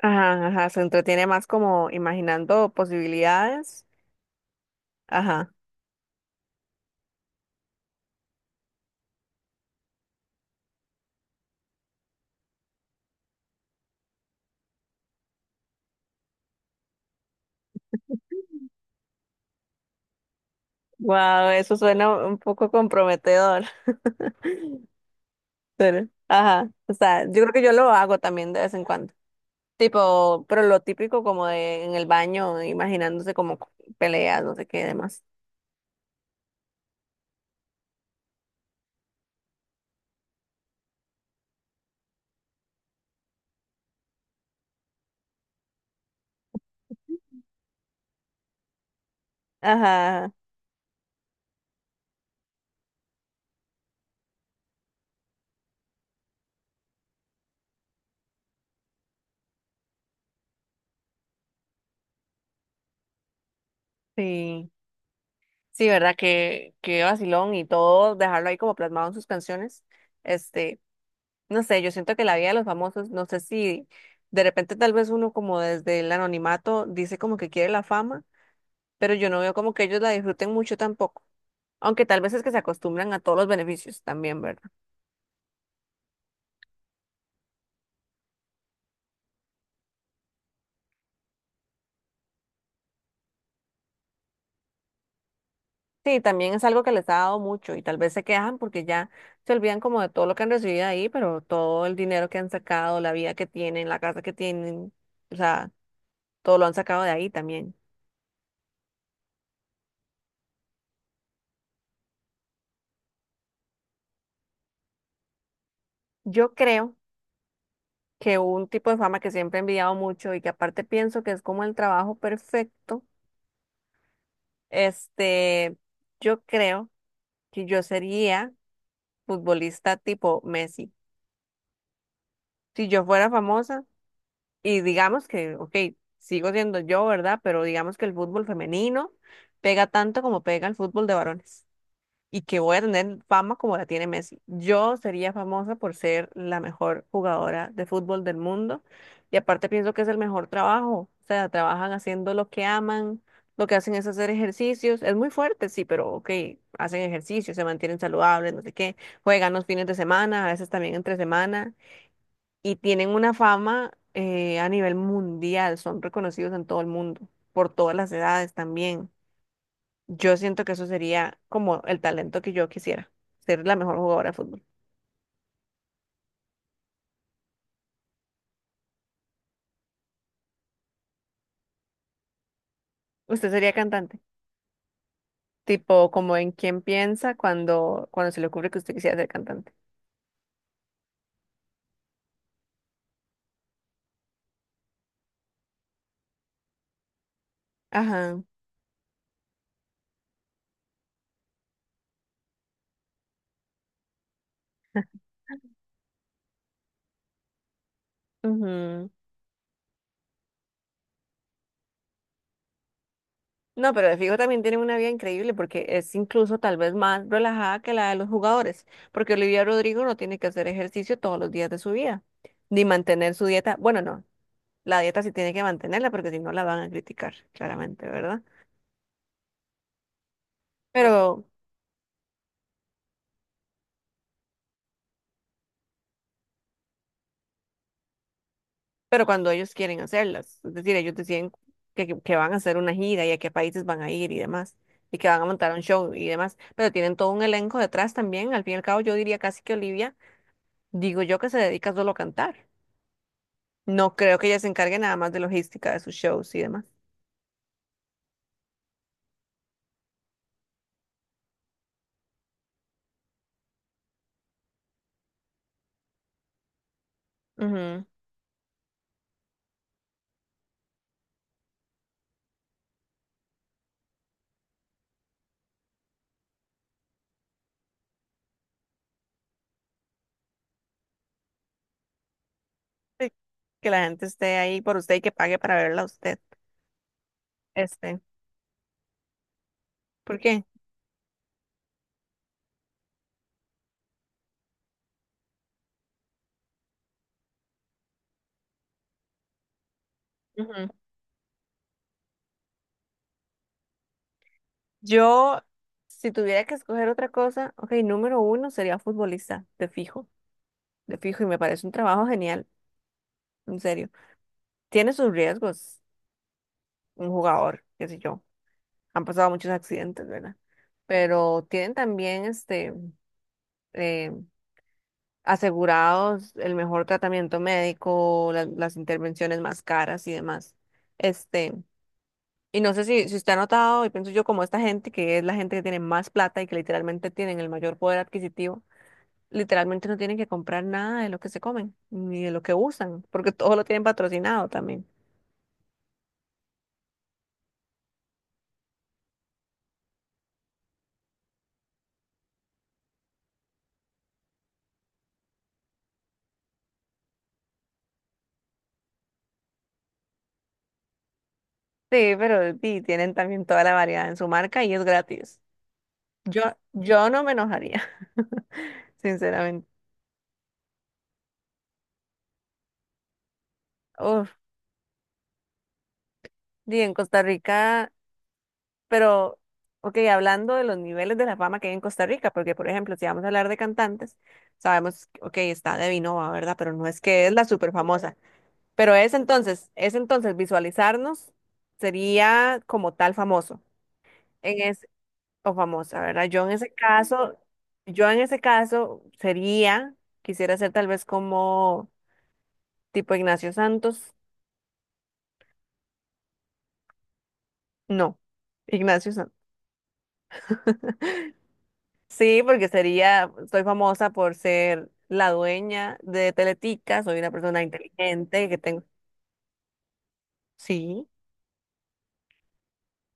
Ajá, ajá, se entretiene más como imaginando posibilidades. Ajá. Wow, eso suena un poco comprometedor. Pero, ajá, o sea, yo creo que yo lo hago también de vez en cuando. Tipo, pero lo típico como de en el baño, imaginándose como peleas, no sé qué demás. Ajá, sí. Sí, ¿verdad? Que vacilón y todo, dejarlo ahí como plasmado en sus canciones. Este, No sé, yo siento que la vida de los famosos, no sé si de repente tal vez uno como desde el anonimato dice como que quiere la fama, pero yo no veo como que ellos la disfruten mucho tampoco. Aunque tal vez es que se acostumbran a todos los beneficios también, ¿verdad? Sí, también es algo que les ha dado mucho y tal vez se quejan porque ya se olvidan como de todo lo que han recibido ahí, pero todo el dinero que han sacado, la vida que tienen, la casa que tienen, o sea, todo lo han sacado de ahí también. Yo creo que un tipo de fama que siempre he envidiado mucho y que aparte pienso que es como el trabajo perfecto, este, yo creo que yo sería futbolista tipo Messi. Si yo fuera famosa y digamos que, ok, sigo siendo yo, ¿verdad? Pero digamos que el fútbol femenino pega tanto como pega el fútbol de varones. Y que voy a tener fama como la tiene Messi. Yo sería famosa por ser la mejor jugadora de fútbol del mundo y aparte pienso que es el mejor trabajo, o sea, trabajan haciendo lo que aman, lo que hacen es hacer ejercicios, es muy fuerte, sí, pero ok, hacen ejercicio, se mantienen saludables, no sé qué, juegan los fines de semana, a veces también entre semana y tienen una fama a nivel mundial, son reconocidos en todo el mundo, por todas las edades también. Yo siento que eso sería como el talento que yo quisiera, ser la mejor jugadora de fútbol. Usted sería cantante, tipo como en quién piensa cuando se le ocurre que usted quisiera ser cantante. Ajá. Ujú. No, pero de fijo también tienen una vida increíble porque es incluso tal vez más relajada que la de los jugadores, porque Olivia Rodrigo no tiene que hacer ejercicio todos los días de su vida, ni mantener su dieta. Bueno, no, la dieta sí tiene que mantenerla porque si no la van a criticar, claramente, ¿verdad? Pero... pero cuando ellos quieren hacerlas, es decir, ellos deciden que van a hacer una gira y a qué países van a ir y demás, y que van a montar un show y demás, pero tienen todo un elenco detrás también, al fin y al cabo yo diría casi que Olivia, digo yo que se dedica solo a cantar, no creo que ella se encargue nada más de logística de sus shows y demás. Ujú. Sí, que la gente esté ahí por usted y que pague para verla a usted. Este, ¿Por qué? Ujú. Yo, si tuviera que escoger otra cosa, ok, número uno sería futbolista, de fijo, y me parece un trabajo genial. En serio. Tiene sus riesgos, un jugador, qué sé yo. Han pasado muchos accidentes, ¿verdad? Pero tienen también eh, asegurados el mejor tratamiento médico, la- las intervenciones más caras y demás. Este, y no sé si usted ha notado, y pienso yo como esta gente, que es la gente que tiene más plata y que literalmente tienen el mayor poder adquisitivo, literalmente no tienen que comprar nada de lo que se comen, ni de lo que usan, porque todo lo tienen patrocinado también. Sí, pero sí, tienen también toda la variedad en su marca y es gratis. Yo, yo no me enojaría, sinceramente. Uf, sí, en Costa Rica, pero, ok, hablando de los niveles de la fama que hay en Costa Rica, porque, por ejemplo, si vamos a hablar de cantantes, sabemos, ok, está de Nova, ¿verdad? Pero no es que es la súper famosa. Es entonces visualizarnos sería como tal famoso. En es- o famosa, ¿verdad? Yo en ese caso sería, quisiera ser tal vez como tipo Ignacio Santos. No, Ignacio Santos. Sí, porque sería, soy famosa por ser la dueña de Teletica, soy una persona inteligente que tengo. Sí,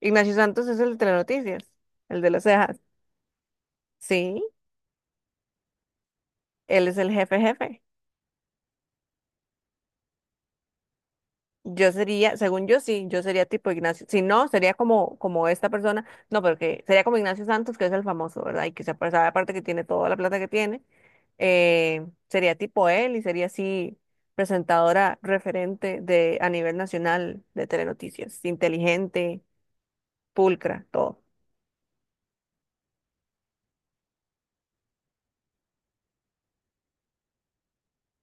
Ignacio Santos es el de Telenoticias, el de las cejas. Sí, él es el jefe jefe. Yo sería, según yo sí, yo sería tipo Ignacio. Si no, sería como, como esta persona. No, pero que sería como Ignacio Santos, que es el famoso, ¿verdad? Y que se apare- sabe aparte que tiene toda la plata que tiene. Eh, sería tipo él y sería así presentadora referente de a nivel nacional de Telenoticias. Inteligente, pulcra, todo.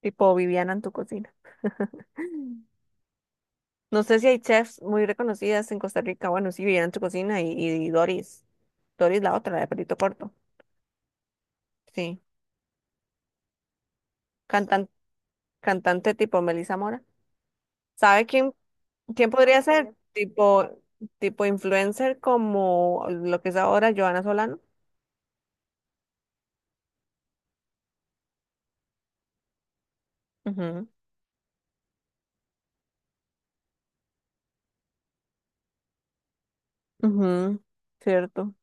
Tipo Viviana en tu cocina. No sé si hay chefs muy reconocidas en Costa Rica. Bueno, sí, Viviana en tu cocina y Doris. Doris la otra, la de pelito corto. Sí. Cantante tipo Melissa Mora. ¿Sabe quién podría ser? Bueno. Tipo, tipo influencer como lo que es ahora Joana Solano. Ujú, ujú, cierto.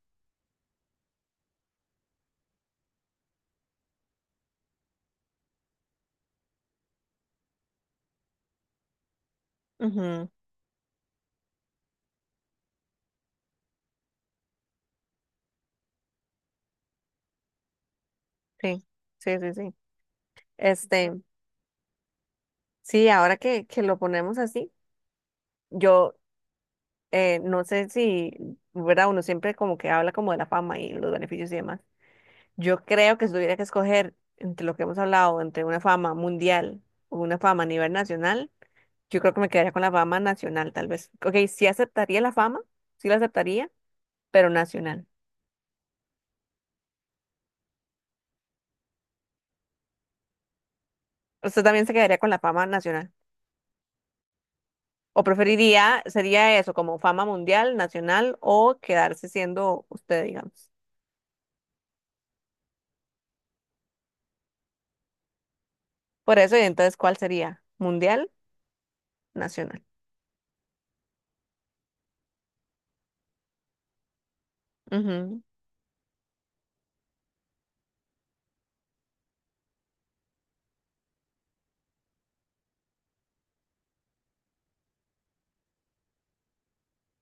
Ujú, sí, sí, sí, sí. Este, sí, ahora que lo ponemos así, yo no sé si, ¿verdad? Uno siempre como que habla como de la fama y los beneficios y demás. Yo creo que si tuviera que escoger entre lo que hemos hablado, entre una fama mundial o una fama a nivel nacional, yo creo que me quedaría con la fama nacional, tal vez. Ok, sí aceptaría la fama, sí la aceptaría, pero nacional. ¿Usted también se quedaría con la fama nacional? ¿O preferiría, sería eso, como fama mundial, nacional o quedarse siendo usted, digamos? Por eso, y entonces, ¿cuál sería? ¿Mundial, nacional? Ujú,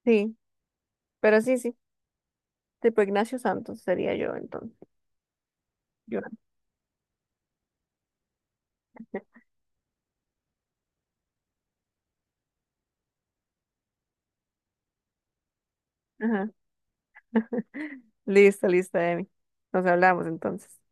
sí, pero sí, sí. Tipo Ignacio Santos sería yo entonces. Yo. Ajá. Listo, listo, Emi. Nos hablamos entonces.